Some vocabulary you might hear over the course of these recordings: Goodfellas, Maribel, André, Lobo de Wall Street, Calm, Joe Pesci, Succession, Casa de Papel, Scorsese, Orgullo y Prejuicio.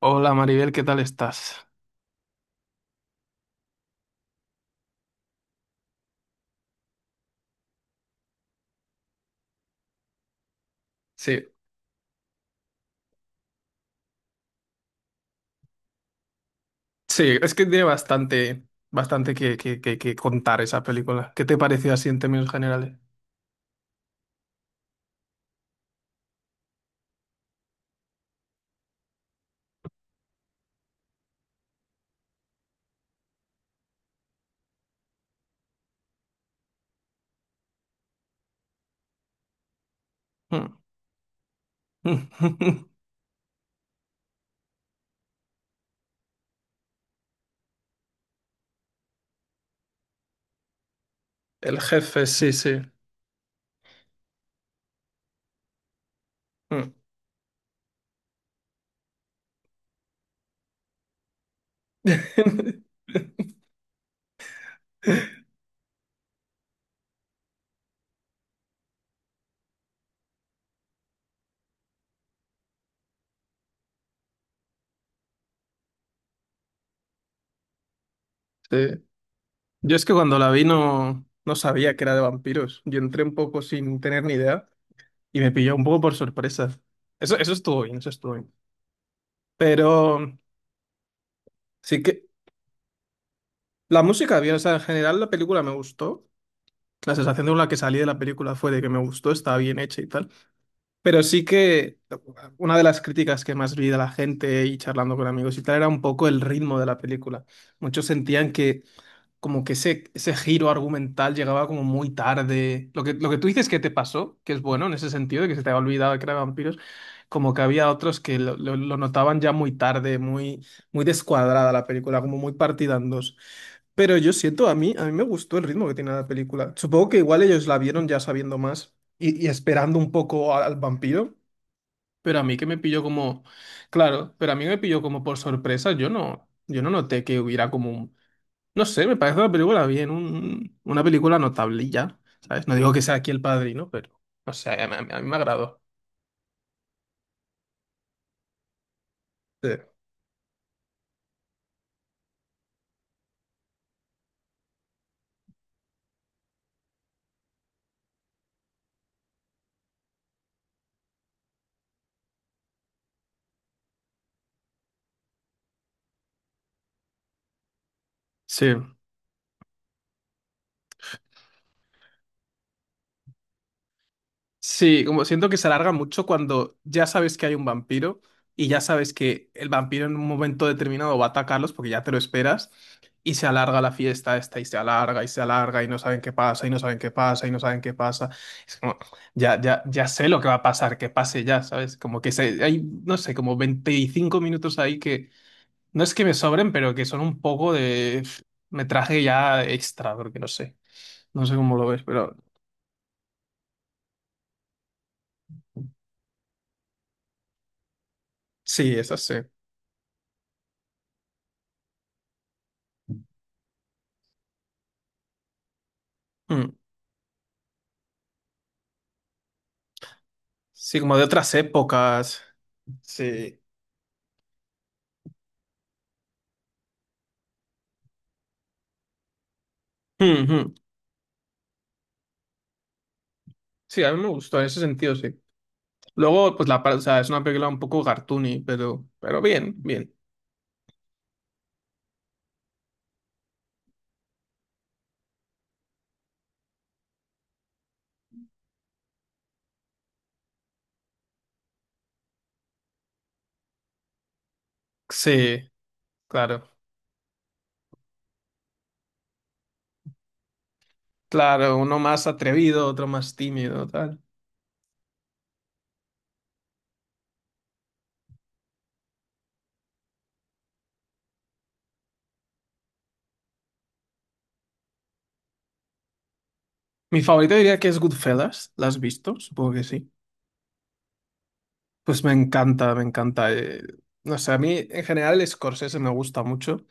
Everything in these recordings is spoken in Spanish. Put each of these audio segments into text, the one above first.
Hola Maribel, ¿qué tal estás? Sí, sí, es que tiene bastante, bastante que contar esa película. ¿Qué te pareció así en términos generales? Mm, mm, el jefe, sí, sí. Mm. Sí. Yo es que cuando la vi no, no sabía que era de vampiros. Yo entré un poco sin tener ni idea y me pilló un poco por sorpresa. Eso estuvo bien, eso estuvo bien. Pero sí que la música bien, o sea, en general la película me gustó. La sensación con la que salí de la película fue de que me gustó, estaba bien hecha y tal. Pero sí que una de las críticas que más vi de la gente y charlando con amigos y tal era un poco el ritmo de la película. Muchos sentían que como que ese giro argumental llegaba como muy tarde. Lo que tú dices que te pasó, que es bueno en ese sentido, de que se te había olvidado que eran vampiros, como que había otros que lo notaban ya muy tarde, muy, muy descuadrada la película, como muy partida en dos. Pero yo siento, a mí me gustó el ritmo que tiene la película. Supongo que igual ellos la vieron ya sabiendo más y esperando un poco al vampiro. Pero a mí que me pilló como, claro, pero a mí me pilló como por sorpresa. Yo no noté que hubiera como un, no sé, me parece una película bien, una película notable y ya, ¿sabes? No digo que sea aquí El Padrino, pero, o sea a mí me agradó. Sí. Sí. Sí, como siento que se alarga mucho cuando ya sabes que hay un vampiro y ya sabes que el vampiro en un momento determinado va a atacarlos porque ya te lo esperas y se alarga la fiesta esta y se alarga y se alarga y no saben qué pasa y no saben qué pasa y no saben qué pasa. Es como, ya, ya, ya sé lo que va a pasar, que pase ya, ¿sabes? Como que se, hay, no sé, como 25 minutos ahí que no es que me sobren, pero que son un poco de pf, metraje ya extra, porque no sé, no sé cómo lo ves, pero sí, es así. Mm. Sí, como de otras épocas. Sí. Mm, mm. Sí, a mí me gustó en ese sentido, sí. Luego, pues o sea, es una película un poco cartoony, pero bien, bien. Sí, claro. Claro, uno más atrevido, otro más tímido, tal. Mi favorito diría que es Goodfellas. ¿La has visto? Supongo que sí. Pues me encanta, me encanta. Eh, no sé, a mí en general Scorsese me gusta mucho.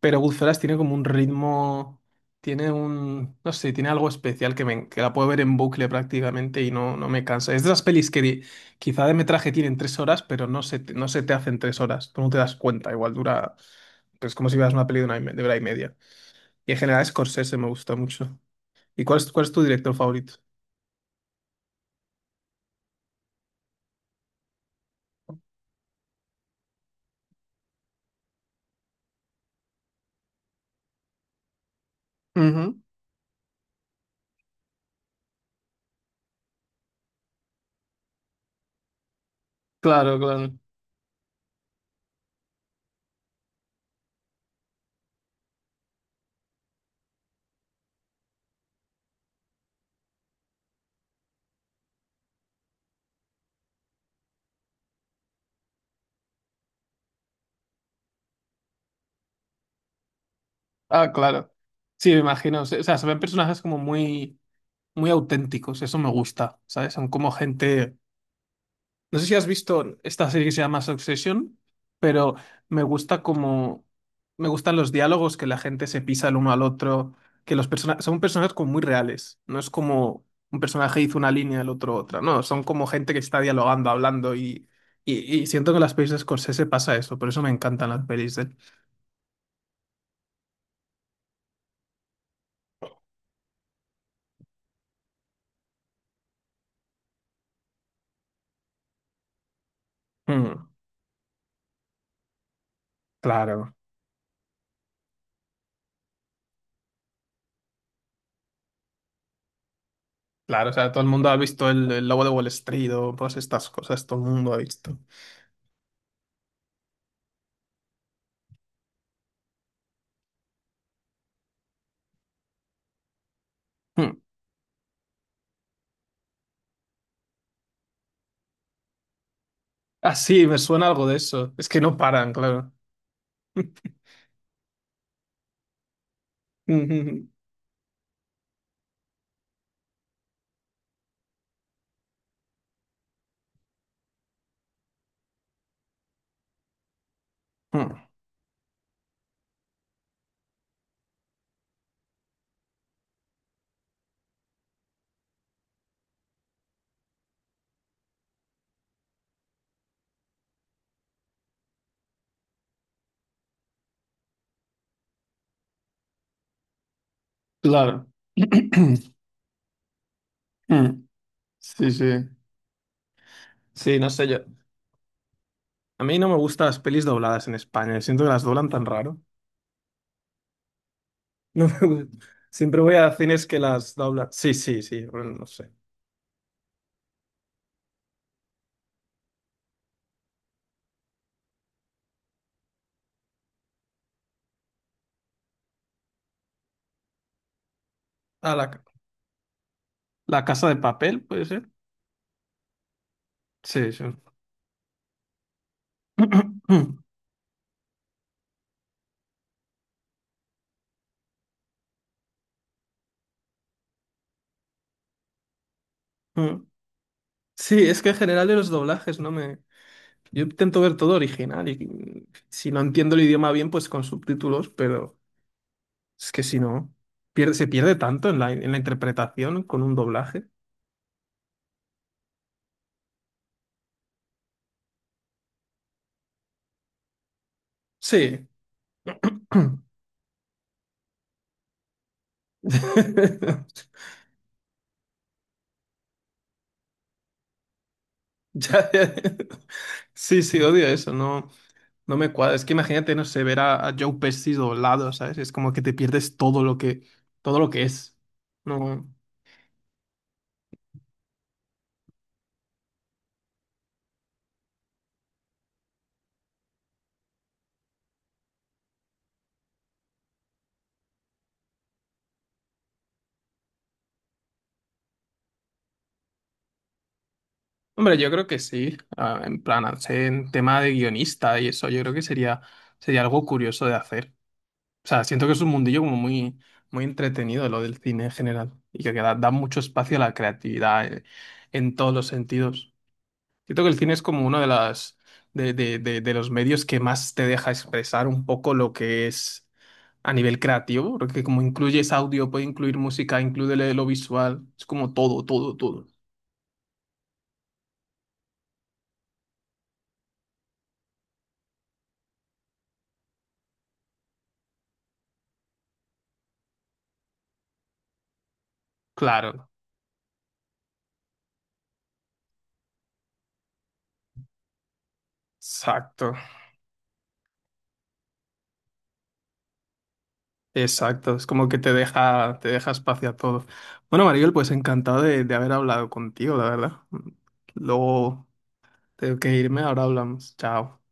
Pero Goodfellas tiene como un ritmo, tiene un, no sé, tiene algo especial que, me, que la puedo ver en bucle prácticamente y no, no me cansa. Es de las pelis que quizá de metraje tienen 3 horas, pero no se te hacen 3 horas, tú no te das cuenta, igual dura, pues como si veas una peli de una, de hora y media. Y en general Scorsese me gusta mucho. ¿Y cuál es tu director favorito? Ujú, claro, claro. Ah, claro. Sí, me imagino. O sea, se ven personajes como muy, muy auténticos. Eso me gusta, ¿sabes? Son como gente. No sé si has visto esta serie que se llama Succession, pero me gusta como me gustan los diálogos que la gente se pisa el uno al otro, que los personajes son personajes como muy reales, no es como un personaje hizo una línea, el otro otra, no, son como gente que está dialogando, hablando y siento que en las pelis de Scorsese pasa eso, por eso me encantan las pelis de él. Mm, claro, claro, o sea, todo el mundo ha visto el Lobo de Wall Street o todas estas cosas, todo el mundo ha visto. Mm. Ah, sí, me suena algo de eso, es que no paran, claro. Ujú. Ah, claro. Mm. Sí, sí. Sí, no sé yo. A mí no me gustan las pelis dobladas en España. Siento que las doblan tan raro. No me gu- siempre voy a cines que las doblan. Sí, sí, sí. Bueno, no sé. Ah, la, ca- la Casa de Papel, ¿puede ser? Sí, sí. Mm. Sí, es que en general de los doblajes no me... Yo intento ver todo original y si no entiendo el idioma bien, pues con subtítulos, pero... Es que si no, pierde, se pierde tanto en la interpretación con un doblaje. Sí. Ya, ya. Sí, sí, odio eso, no, no me cuadra. Es que imagínate, no sé, ver a Joe Pesci doblado, ¿sabes? Es como que te pierdes todo lo que es. No. Hombre, yo creo que sí. Ah, en plan, al ser en tema de guionista y eso, yo creo que sería, sería algo curioso de hacer. O sea, siento que es un mundillo como muy, muy entretenido lo del cine en general y que da, da mucho espacio a la creatividad, en todos los sentidos. Siento que el cine es como uno de las de los medios que más te deja expresar un poco lo que es a nivel creativo, porque como incluyes audio, puede incluir música, incluye lo visual, es como todo, todo, todo. Claro, exacto. Exacto, es como que te deja espacio a todo. Bueno, Maribel, pues encantado de haber hablado contigo, la verdad. Luego tengo que irme, ahora hablamos. Chao.